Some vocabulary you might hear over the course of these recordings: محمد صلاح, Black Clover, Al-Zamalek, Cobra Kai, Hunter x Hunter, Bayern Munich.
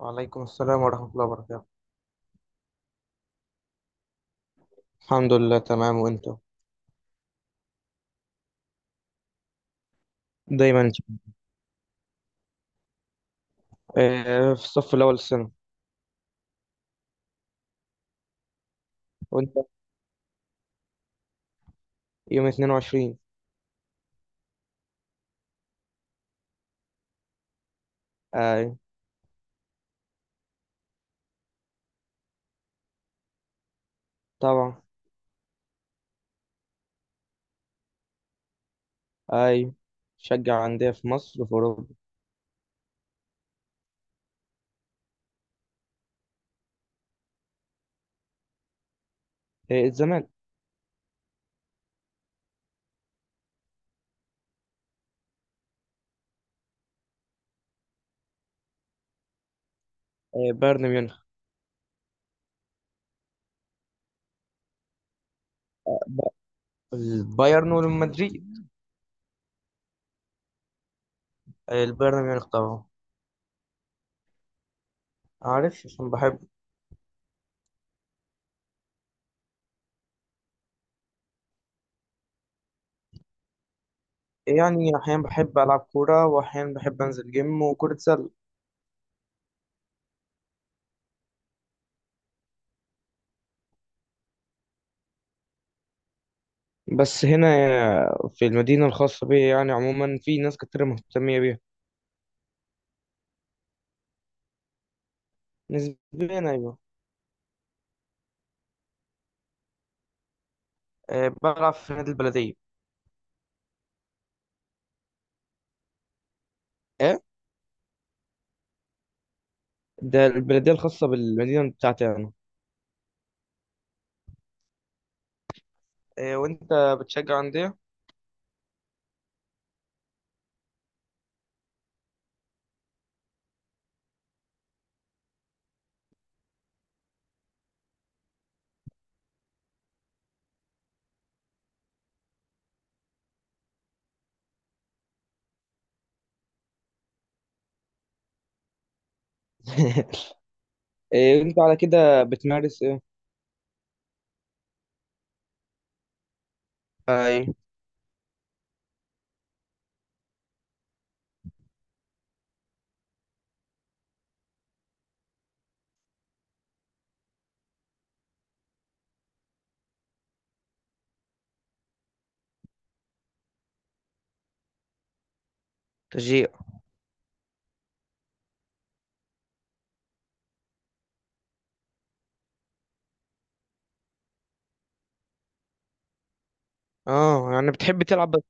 وعليكم السلام ورحمة الله وبركاته. الحمد لله تمام، وانتو دايما إن شاء الله. آه، في الصف الأول السنة. وانت؟ يوم 22. اي. طبعا. اي، شجع أندية في مصر وفي أوروبا. آه الزمالك. آه بايرن ميونخ. البايرن والمدريد. آه البايرن ميونخ طبعا. عارف عشان بحب. يعني أحيانا بحب ألعب كورة وأحيانا بحب أنزل جيم وكرة سلة. بس هنا، في المدينة الخاصة بي يعني عموما في ناس كتير مهتمية بيها. نسبيا أيوة. بلعب في نادي البلدية. ايه، ده البلديه الخاصه بالمدينه بتاعتي انا. وأنت بتشجع أندية؟ إيه انت على كده بتمارس ايه؟ أي، تشجيع. اه يعني بتحب تلعب بس.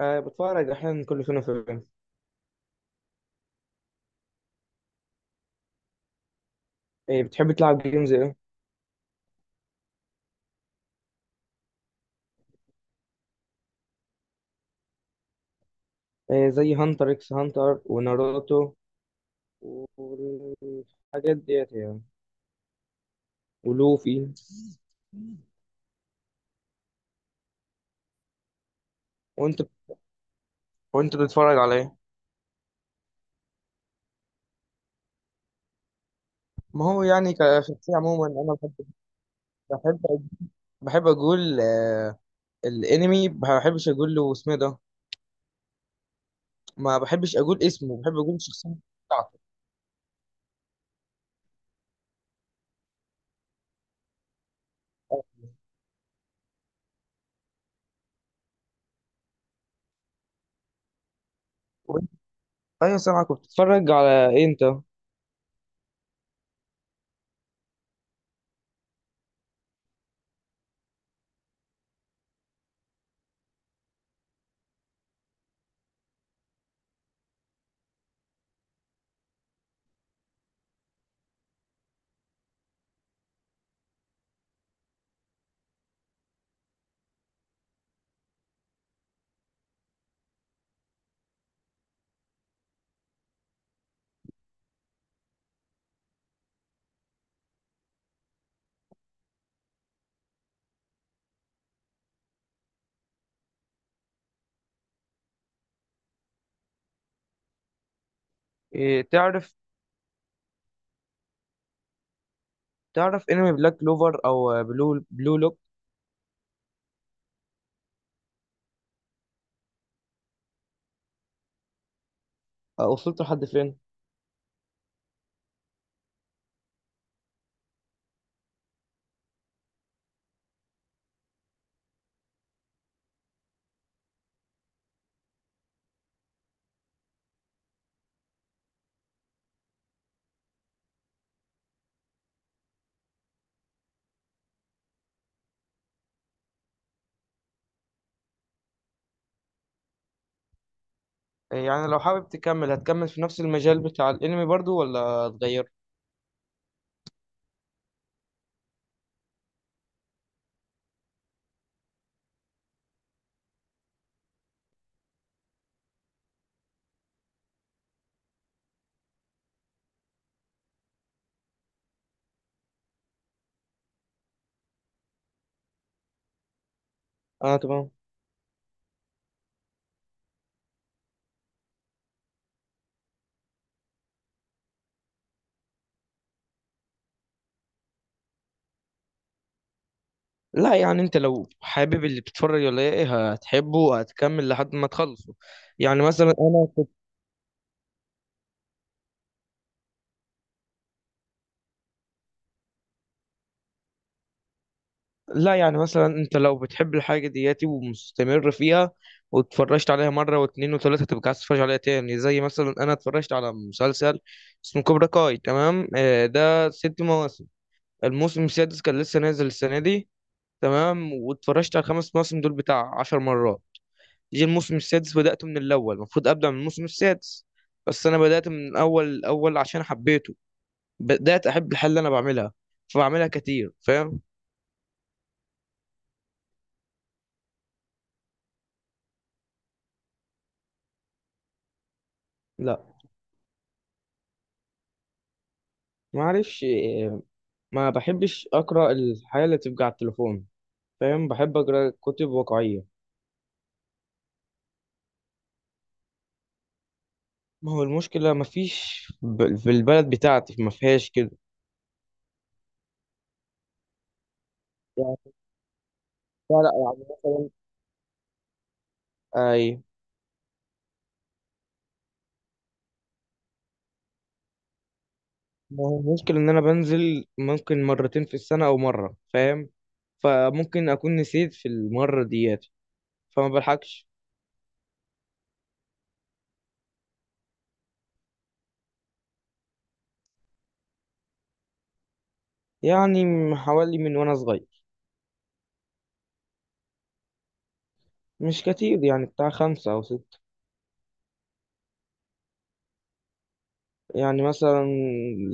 آه بتفرج احيانا كل فين وفين. إيه بتحب تلعب جيمز ايه؟ إيه زي هانتر اكس هانتر وناروتو والحاجات ديت يعني. ولوفي. وأنت وأنت بتتفرج على إيه؟ ما هو يعني كشخصية عموما أنا بحب، بحب بحب أقول الانمي. ما بحبش اقول له اسمه ده، ما بحبش اقول اسمه، بحب اقول الشخصيه بتاعته. وإنت- ايوه سامعك، بتتفرج على ايه انت؟ إيه؟ تعرف انمي بلاك كلوفر او بلو لوك؟ أه، وصلت لحد فين؟ إيه يعني لو حابب تكمل هتكمل في نفس المجال بتاع الانمي برضو ولا تغير؟ اه تمام. لا يعني انت لو حابب اللي بتتفرج ولا ايه هتحبه هتكمل لحد ما تخلصه. يعني مثلا انا. لا يعني مثلا انت لو بتحب الحاجة دياتي ومستمر فيها واتفرجت عليها مرة واتنين وتلاتة هتبقى عايز تتفرج عليها تاني. زي مثلا انا اتفرجت على مسلسل اسمه كوبرا كاي، تمام. ده 6 مواسم. الموسم السادس كان لسه نازل السنة دي، تمام. واتفرجت على الخمس مواسم دول بتاع 10 مرات. جه الموسم السادس بدأته من الأول، المفروض أبدأ من الموسم السادس بس أنا بدأت من أول الأول عشان حبيته. بدأت أحب الحاجة اللي أنا بعملها فبعملها كتير، فاهم؟ لا. معرفش. ما بحبش اقرا الحاجه اللي تبقى على التليفون، فاهم، بحب اقرا كتب واقعيه. ما هو المشكله ما فيش ب... في البلد بتاعتي ما فيهاش كده. يعني. لا لا، يعني مثلا. اي. ما هو المشكله ان انا بنزل ممكن مرتين في السنه او مره، فاهم؟ فممكن اكون نسيت في المره ديت فما بلحقش. يعني حوالي من وانا صغير. مش كتير، يعني بتاع 5 أو 6. يعني مثلا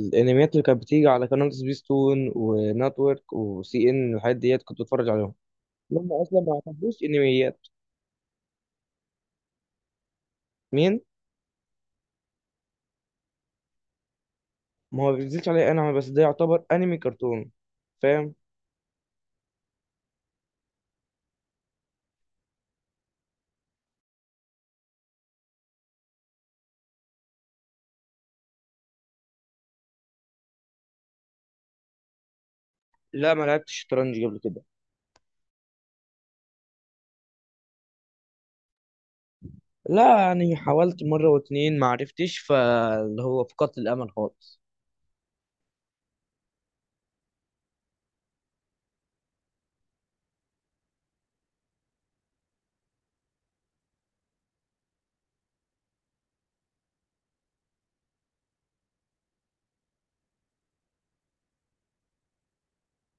الانميات اللي كانت بتيجي على قناه سبيستون ونتورك وسي ان، الحاجات ديت كنت بتفرج عليهم. هم اصلا ما يعتبروش انميات. مين؟ ما هو بينزلش عليه انا بس، ده يعتبر انمي كرتون، فاهم. لا ما لعبتش شطرنج قبل كده. لا يعني حاولت مره واتنين ما عرفتش، فاللي هو فقدت الامل خالص.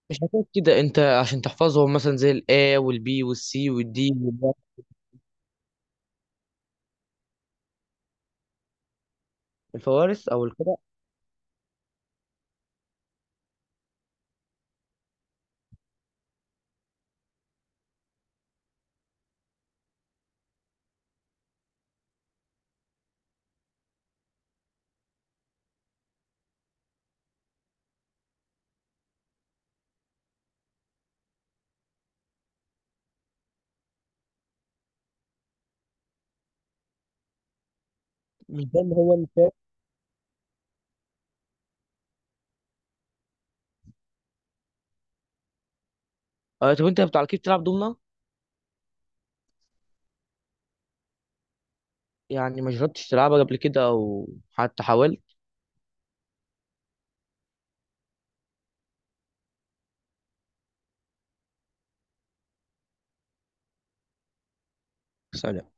مش هتقول كده انت عشان تحفظهم مثلا زي الا والبي والسي والدي والفوارس او القراء؟ مش ده اللي هو اللي فات. طب انت بتاع كيف بتلعب دومنا؟ يعني ما جربتش تلعبها قبل كده او حتى حاولت؟ سلام.